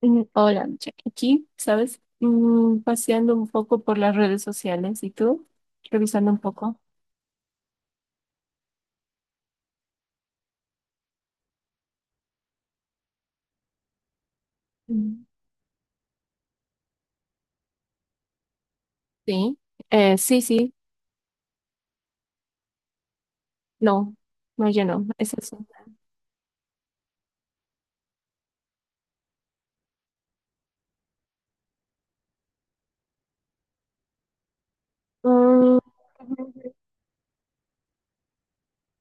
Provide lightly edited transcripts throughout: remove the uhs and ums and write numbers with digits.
Hola, Micha. Aquí, ¿sabes? Paseando un poco por las redes sociales. ¿Y tú? Revisando un poco. Mm. Sí. Sí, sí. No, no, yo no. Es eso. Mm,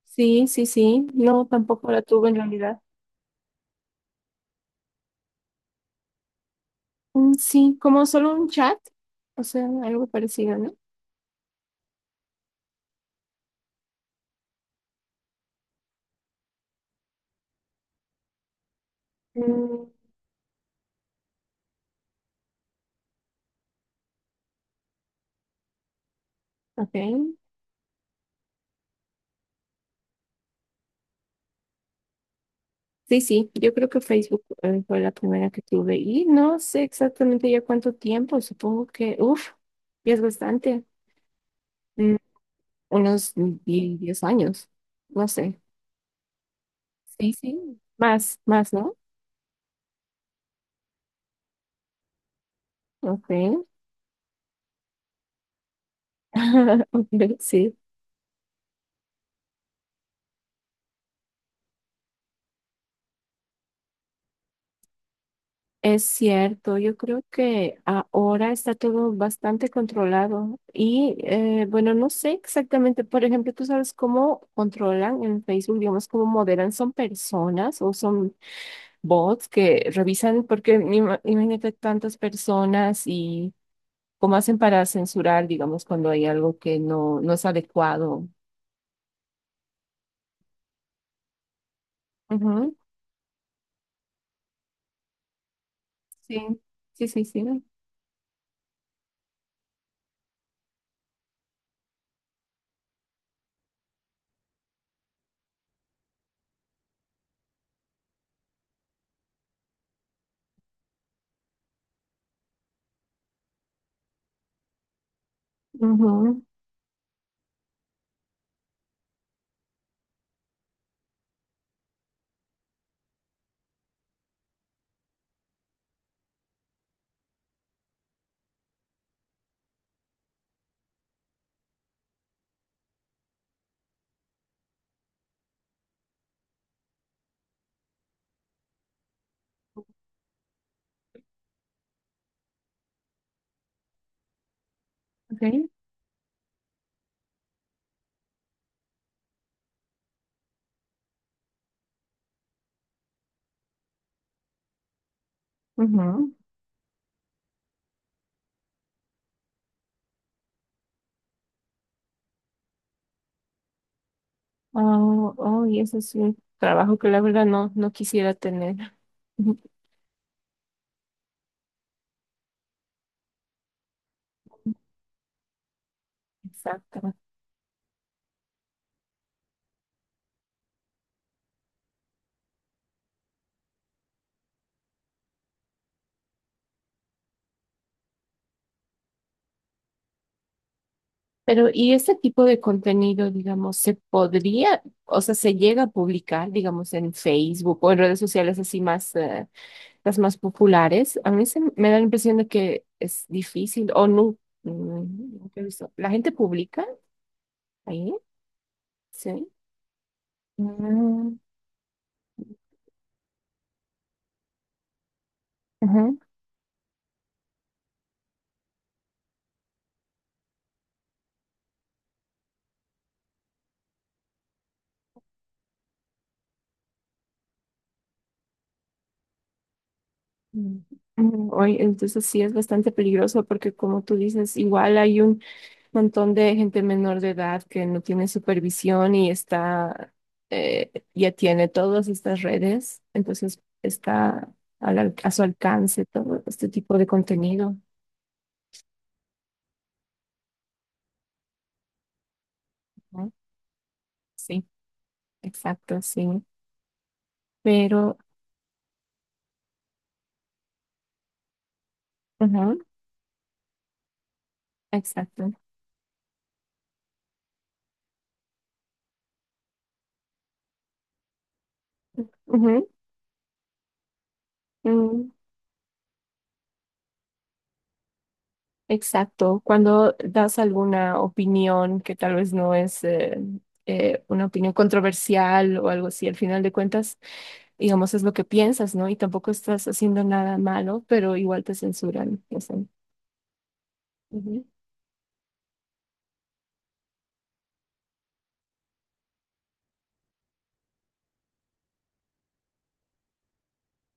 sí, sí, sí. No, tampoco la tuve en realidad. Mm, sí, como solo un chat. O sea, algo parecido, ¿no? Mm, ok. Sí, sí. Yo creo que Facebook fue la primera que tuve. Y no sé exactamente ya cuánto tiempo. Supongo que, ya es bastante. Unos 10 años, no sé. Sí, sí, más, más, ¿no? Ok. Ve, sí, es cierto. Yo creo que ahora está todo bastante controlado. Y bueno, no sé exactamente, por ejemplo, tú sabes cómo controlan en Facebook, digamos, cómo moderan, son personas o son bots que revisan, porque imagínate tantas personas y cómo hacen para censurar, digamos, cuando hay algo que no, no es adecuado. Sí, sí, sí, sí. Ujú, ok, ujú. Oh, oh, y ese es un trabajo que la verdad no, no quisiera tener. Ujú, exacto. Pero, ¿y este tipo de contenido, digamos, se podría, o sea, se llega a publicar, digamos, en Facebook o en redes sociales así más, las más populares? A mí se me da la impresión de que es difícil o no. mm, Nunca he visto. ¿La gente publica ahí? Sí. Mm, ujú. Mm. Oye, entonces sí es bastante peligroso porque como tú dices, igual hay un montón de gente menor de edad que no tiene supervisión y está, ya tiene todas estas redes, entonces está a su alcance todo este tipo de contenido, ¿no? Sí, exacto, sí, pero, ujú, exacto. Ujú, exacto, cuando das alguna opinión que tal vez no es una opinión controversial o algo así, al final de cuentas, digamos, es lo que piensas, ¿no? Y tampoco estás haciendo nada malo, pero igual te censuran. O sea. Ujú.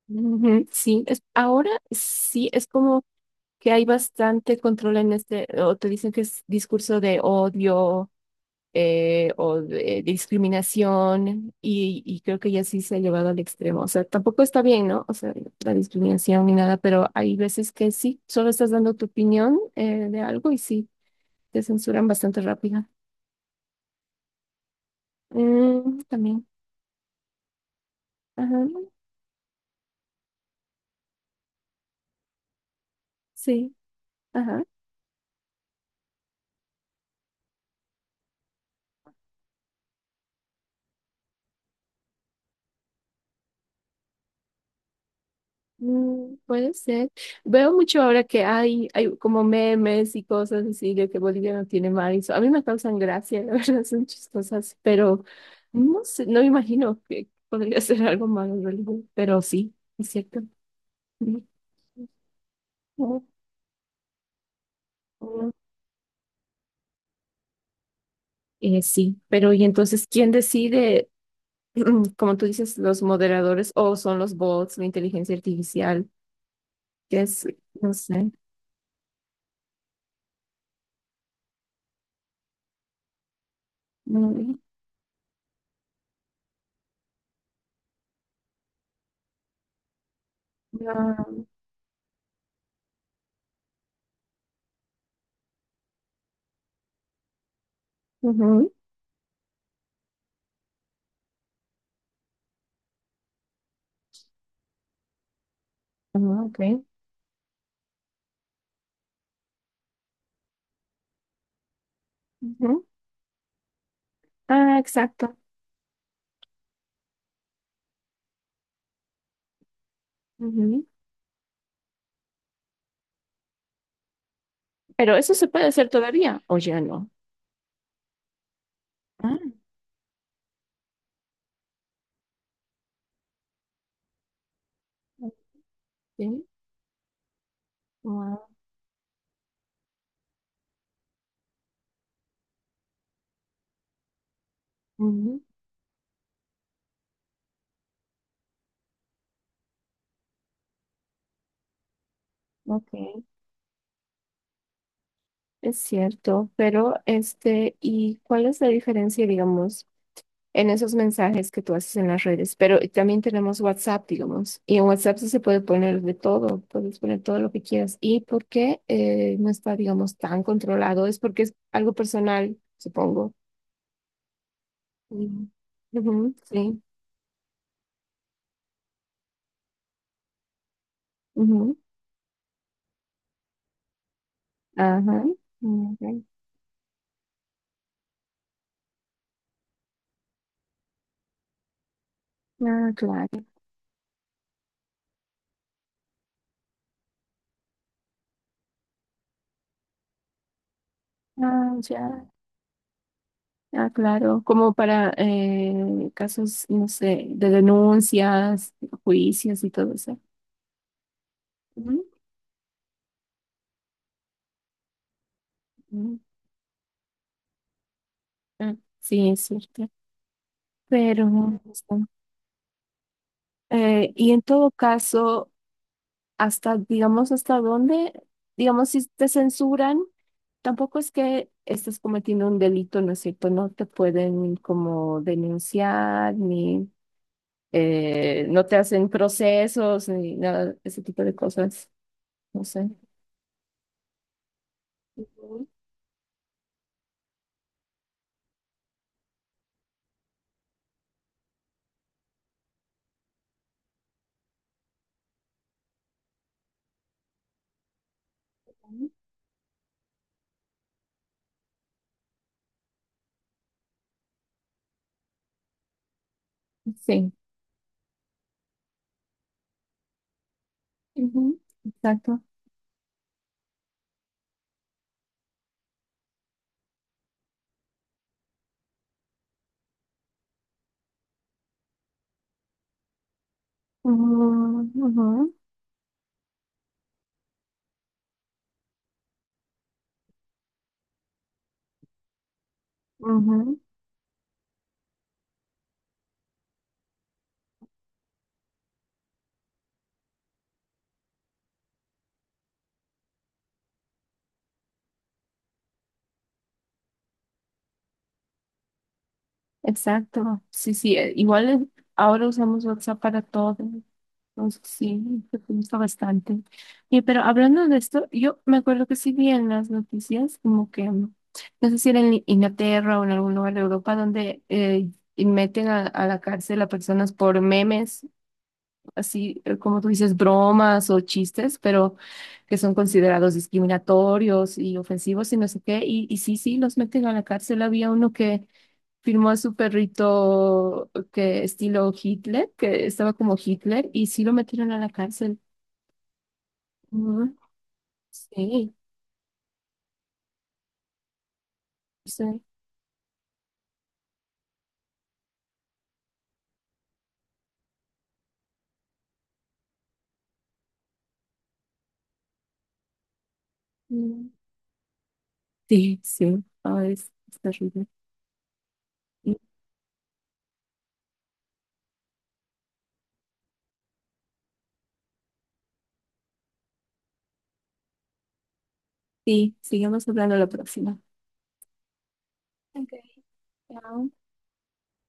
Ujú, sí, es, ahora sí es como que hay bastante control en este, o te dicen que es discurso de odio o de discriminación y creo que ya sí se ha llevado al extremo. O sea, tampoco está bien, ¿no? O sea, la discriminación ni nada, pero hay veces que sí, solo estás dando tu opinión de algo y sí, te censuran bastante rápido. Mm, también. Ajá, sí. Ajá. Mm, puede ser. Veo mucho ahora que hay como memes y cosas así de que Bolivia no tiene mar y eso. A mí me causan gracia, la verdad, son chistosas, pero no sé, no me imagino que podría ser algo malo en realidad, pero sí, es cierto. Mm. Mm, mm. Sí, pero y entonces, ¿quién decide, como tú dices, los moderadores o son los bots, la inteligencia artificial? Que es, no sé. Mm, ah, ujú, ah, ok. Ah, exacto. Ujú. Pero eso se puede hacer todavía, o ya no. Ah, sí. Wow. Ujú. Ok, es cierto. Pero, este, ¿y cuál es la diferencia, digamos, en esos mensajes que tú haces en las redes? Pero también tenemos WhatsApp, digamos, y en WhatsApp sí se puede poner de todo, puedes poner todo lo que quieras. ¿Y por qué no está, digamos, tan controlado? Es porque es algo personal, supongo. Mm. Ujú, sí. Ujú. Ajá. Ah, claro. Ah, ya. Ah, claro. Como para casos, no sé, de denuncias, juicios y todo eso. Ujú. Ujú. Ah, sí, es cierto. Pero, este, y en todo caso, hasta, digamos, hasta dónde, digamos, si te censuran, tampoco es que estés cometiendo un delito, ¿no es cierto? No te pueden como denunciar ni... no te hacen procesos ni nada, ese tipo de cosas, no sé. Ujú, ujú. Sí, ujú, exacto. Ujú, ujú, ujú, exacto. Sí, sí, igual ahora usamos WhatsApp para todo. Entonces, sí, me gusta bastante. Y, pero hablando de esto, yo me acuerdo que sí vi en las noticias, como que, no sé si era en Inglaterra o en algún lugar de Europa, donde y meten a la cárcel a personas por memes. Así como tú dices, bromas o chistes, pero que son considerados discriminatorios y ofensivos y no sé qué. Y sí, sí, los meten a la cárcel. Había uno que firmó a su perrito que estilo Hitler, que estaba como Hitler, y sí lo metieron a la cárcel. Ujú. Sí, sí. Mm. Sí, sí. Ah, es terrible. Mm. Sí, sigamos hablando la próxima. Ok, chao.